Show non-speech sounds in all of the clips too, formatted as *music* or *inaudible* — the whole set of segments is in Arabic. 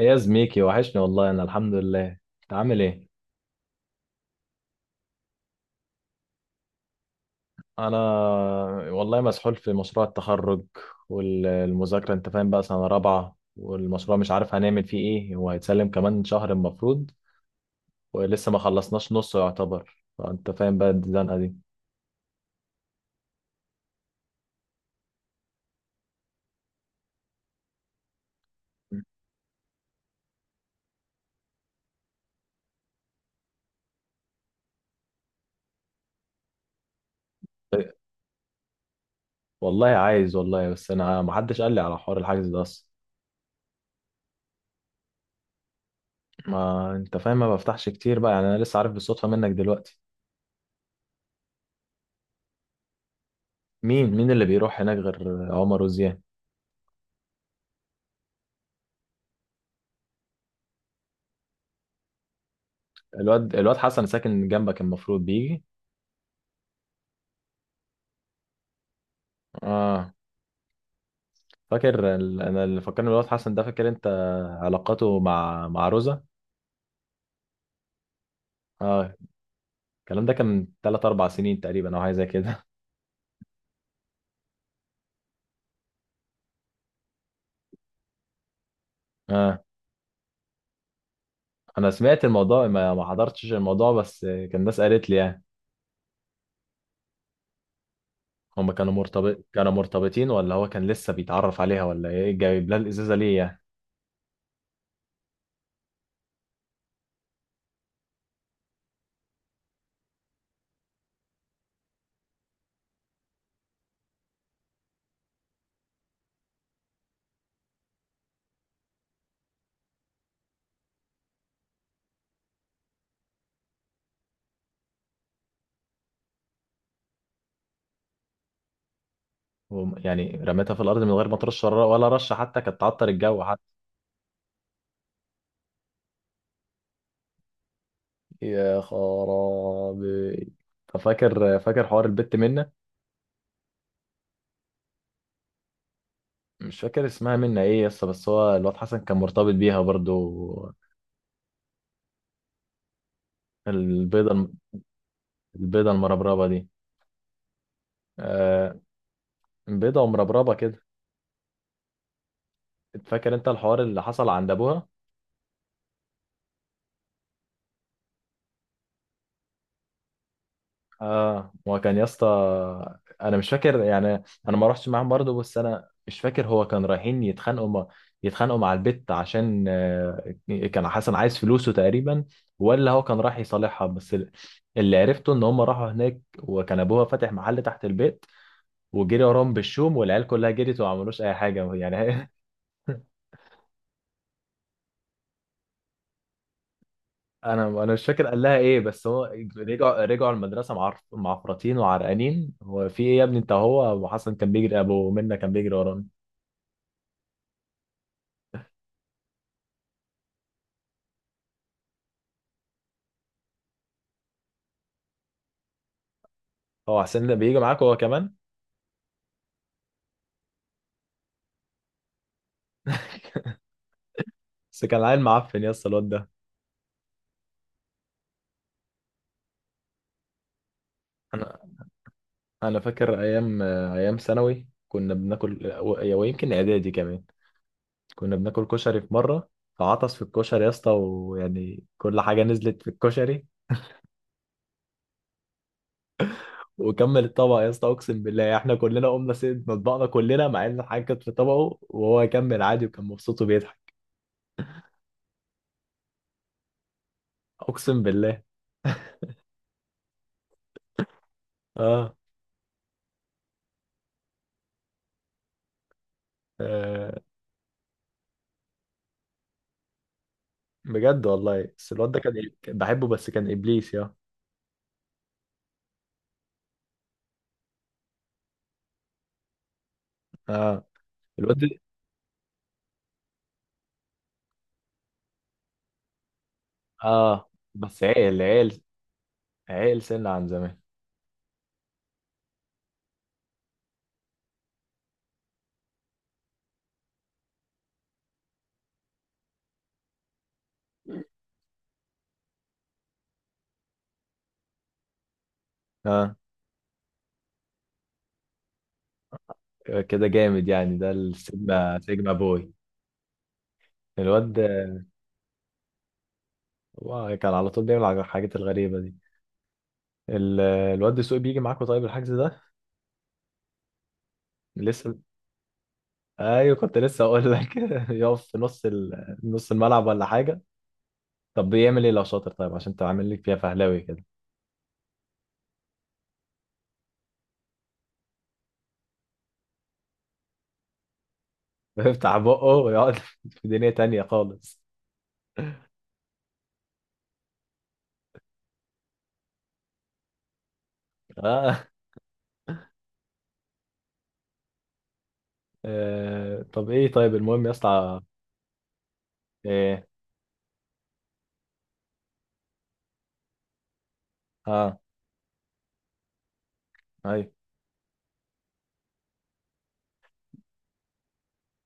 ايه يا زميكي، وحشني والله. انا الحمد لله. انت عامل ايه؟ انا والله مسحول في مشروع التخرج والمذاكره، انت فاهم بقى، سنه رابعه، والمشروع مش عارف هنعمل فيه ايه. هو هيتسلم كمان شهر المفروض، ولسه ما خلصناش نصه يعتبر، فانت فاهم بقى الزنقه دي. والله عايز والله، بس انا ما حدش قال لي على حوار الحجز ده اصلا. ما انت فاهم، ما بفتحش كتير بقى يعني، انا لسه عارف بالصدفه منك دلوقتي. مين اللي بيروح هناك غير عمر وزياد؟ الواد حسن ساكن جنبك المفروض بيجي. اه. فاكر انا اللي فكرني بالواد حسن ده؟ فاكر انت علاقته مع روزا؟ اه، الكلام ده كان من تلات اربع سنين تقريبا او حاجه زي كده. *laughs* اه، انا سمعت الموضوع، ما حضرتش الموضوع، بس كان الناس قالت لي يعني. هما كانوا كانوا مرتبطين، ولا هو كان لسه بيتعرف عليها ولا ايه؟ جايب لها الازازه ليه يعني؟ يعني رميتها في الارض من غير ما ترش، ولا رشه حتى كانت تعطر الجو حتى. يا خرابي. فاكر حوار البت منة؟ مش فاكر اسمها منا ايه يسطا، بس هو الواد حسن كان مرتبط بيها برضو. البيضة البيضة المربربة دي. آه، بيضة ومربربة كده. فاكر انت الحوار اللي حصل عند ابوها؟ اه، هو كان يسطا، انا مش فاكر يعني. انا ما روحتش معاهم برضو، بس انا مش فاكر، هو كان رايحين يتخانقوا مع البت، عشان آه، كان حسن عايز فلوسه تقريبا، ولا هو كان رايح يصالحها بس. اللي عرفته ان هم راحوا هناك، وكان ابوها فاتح محل تحت البيت، وجري وراهم بالشوم، والعيال كلها جريت وما عملوش اي حاجه يعني. *laughs* انا مش فاكر قال لها ايه بس هو. رجعوا المدرسه معرف معفرطين وعرقانين، هو في ايه يا ابني انت؟ هو ابو حسن كان بيجري، ابو منة كان بيجري ورانا. هو حسين ده بيجي معاك هو كمان؟ بس كان عيل معفن يا اسطى الواد ده. انا انا فاكر ايام ايام ثانوي كنا بناكل ويمكن اعدادي كمان. كنا بناكل كشري في مره، فعطس في الكشري يا اسطى، ويعني كل حاجه نزلت في الكشري. وكمل الطبق يا اسطى، اقسم بالله احنا كلنا قمنا سيد مطبقنا كلنا، مع ان الحاجه كانت في طبقه وهو كمل عادي وكان مبسوط وبيضحك. اقسم بالله. اه، آه. بجد والله. بس الواد ده كان بحبه، بس كان ابليس يا. اه. الواد ده. اه، بس عقل سنة عن زمان. اه كده جامد يعني، ده السيجما سيجما بوي. الواد ده هو كان على طول بيعمل الحاجات الغريبة دي. الواد دسوقي بيجي معاكوا طيب الحجز ده؟ لسه؟ ايوه، كنت لسه اقول لك. *laughs* يقف في نص الملعب ولا حاجه. طب بيعمل ايه لو شاطر طيب، عشان انت عامل لك فيها فهلاوي كده. *laughs* بيفتح بقه ويقعد في دنيا تانية خالص. اه، آه. طب ايه، طيب المهم يا اسطى. ايه. اه. ايوه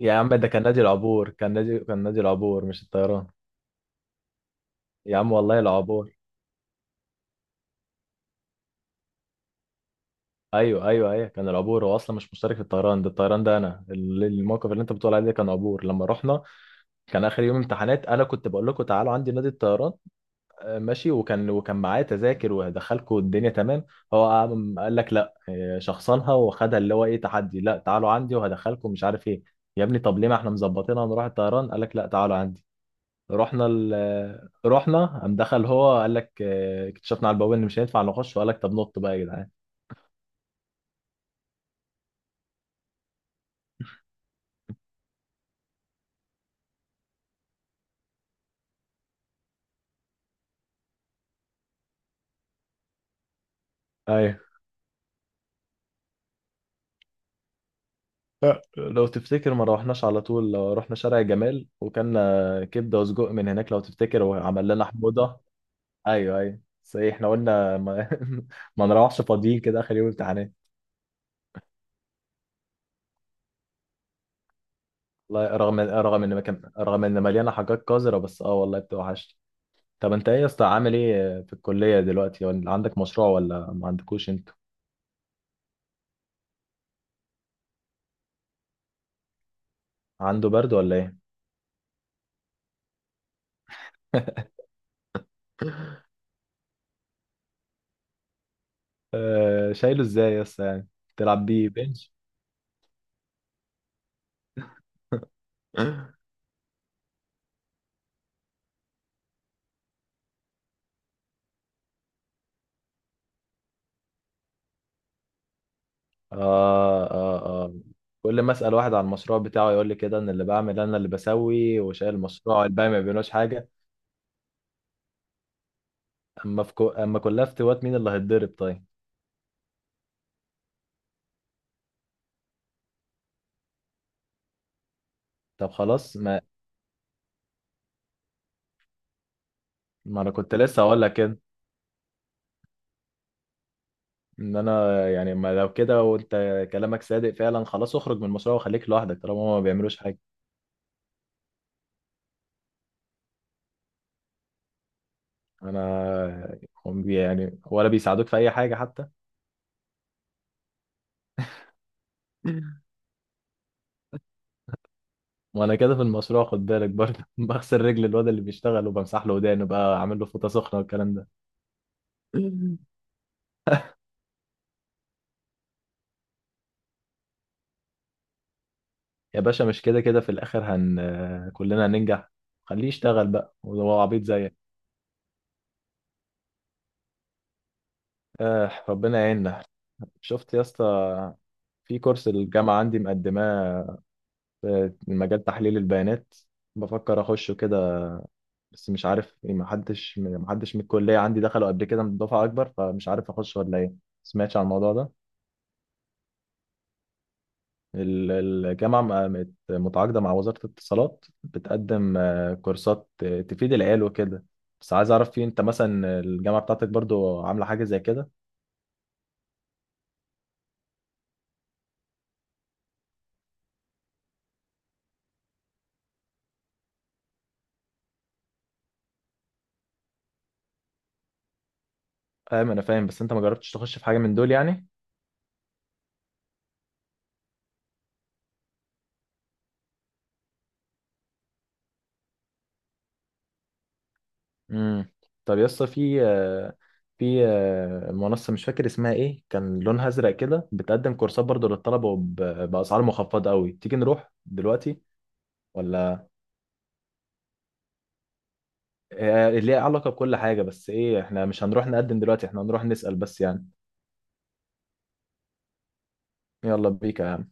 يا عم، ده كان نادي العبور، كان نادي العبور مش الطيران. يا عم والله العبور. ايوه ايوه ايوه، كان العبور. هو اصلا مش مشترك في الطيران ده. الطيران ده انا الموقف اللي انت بتقول عليه ده كان عبور لما رحنا. كان اخر يوم امتحانات، انا كنت بقول لكم تعالوا عندي نادي الطيران. ماشي، وكان معاه تذاكر وهدخلكوا الدنيا تمام. هو قام قال لك لا إيه، شخصنها وخدها، اللي هو ايه، تحدي، لا تعالوا عندي وهدخلكم مش عارف ايه. يا ابني طب ليه، ما احنا مظبطينها نروح الطيران؟ قال لك لا تعالوا عندي. رحنا، قام دخل هو قال لك إيه، اكتشفنا على البوابه ان مش هينفع نخش، وقال لك طب نط بقى يا جدعان. ايوه. لو تفتكر ما روحناش على طول، لو رحنا شارع جمال وكلنا كبده وسجق من هناك لو تفتكر، وعمل لنا حموضه. ايوه ايوه، بس ايه، احنا قلنا ما، *laughs* ما نروحش فاضيين كده اخر يوم امتحانات. والله رغم رغم ان ما كان رغم ان مليانه حاجات قذره، بس اه والله بتوحشني. طب انت ايه يا اسطى، عامل ايه في الكليه دلوقتي؟ ولا عندك مشروع ولا ما عندكوش انتوا؟ عنده برد ولا ايه؟ *laughs* آه، شايله ازاي يا اسطى يعني؟ تلعب بيه بنش؟ *laughs* اه. اه. اه، كل ما اسال واحد عن المشروع بتاعه يقول لي كده، ان اللي بعمل انا اللي بسوي وشايل المشروع، الباقي ما بيعملوش حاجه. اما في اما كلها افتوات، مين اللي هيتضرب طيب؟ طب خلاص ما، انا كنت لسه هقول لك كده. ان انا يعني، ما لو كده وانت كلامك صادق فعلا، خلاص اخرج من المشروع وخليك لوحدك طالما هما ما بيعملوش حاجه. انا، هم يعني ولا بيساعدوك في اي حاجه حتى؟ *laughs* وانا كده في المشروع خد بالك برضه، *laughs* بغسل رجل الواد اللي بيشتغل وبمسح له ودانه بقى، عامل له فوطه سخنه والكلام ده. يا باشا، مش كده كده في الاخر، كلنا هننجح. خليه يشتغل بقى وهو عبيط زيك. آه ربنا يعيننا. شفت يا اسطى؟ في كورس الجامعه عندي مقدماه، مجال تحليل البيانات، بفكر اخشه كده. بس مش عارف يعني، ما حدش من الكليه عندي دخلوا قبل كده من دفعه اكبر، فمش عارف اخش ولا ايه. سمعتش عن الموضوع ده؟ ال- الجامعه متعاقده مع وزاره الاتصالات، بتقدم كورسات تفيد العيال وكده. بس عايز اعرف، في انت مثلا الجامعه بتاعتك برضو عامله حاجه زي كده؟ فاهم، انا فاهم، بس انت ما جربتش تخش في حاجه من دول يعني؟ امم طب يا اسطى، في منصه مش فاكر اسمها ايه، كان لونها ازرق كده، بتقدم كورسات برضو للطلبه باسعار مخفضه قوي، تيجي نروح دلوقتي ولا؟ ليها علاقه بكل حاجه، بس ايه احنا مش هنروح نقدم دلوقتي، احنا هنروح نسال بس يعني. يلا بيك يا عم.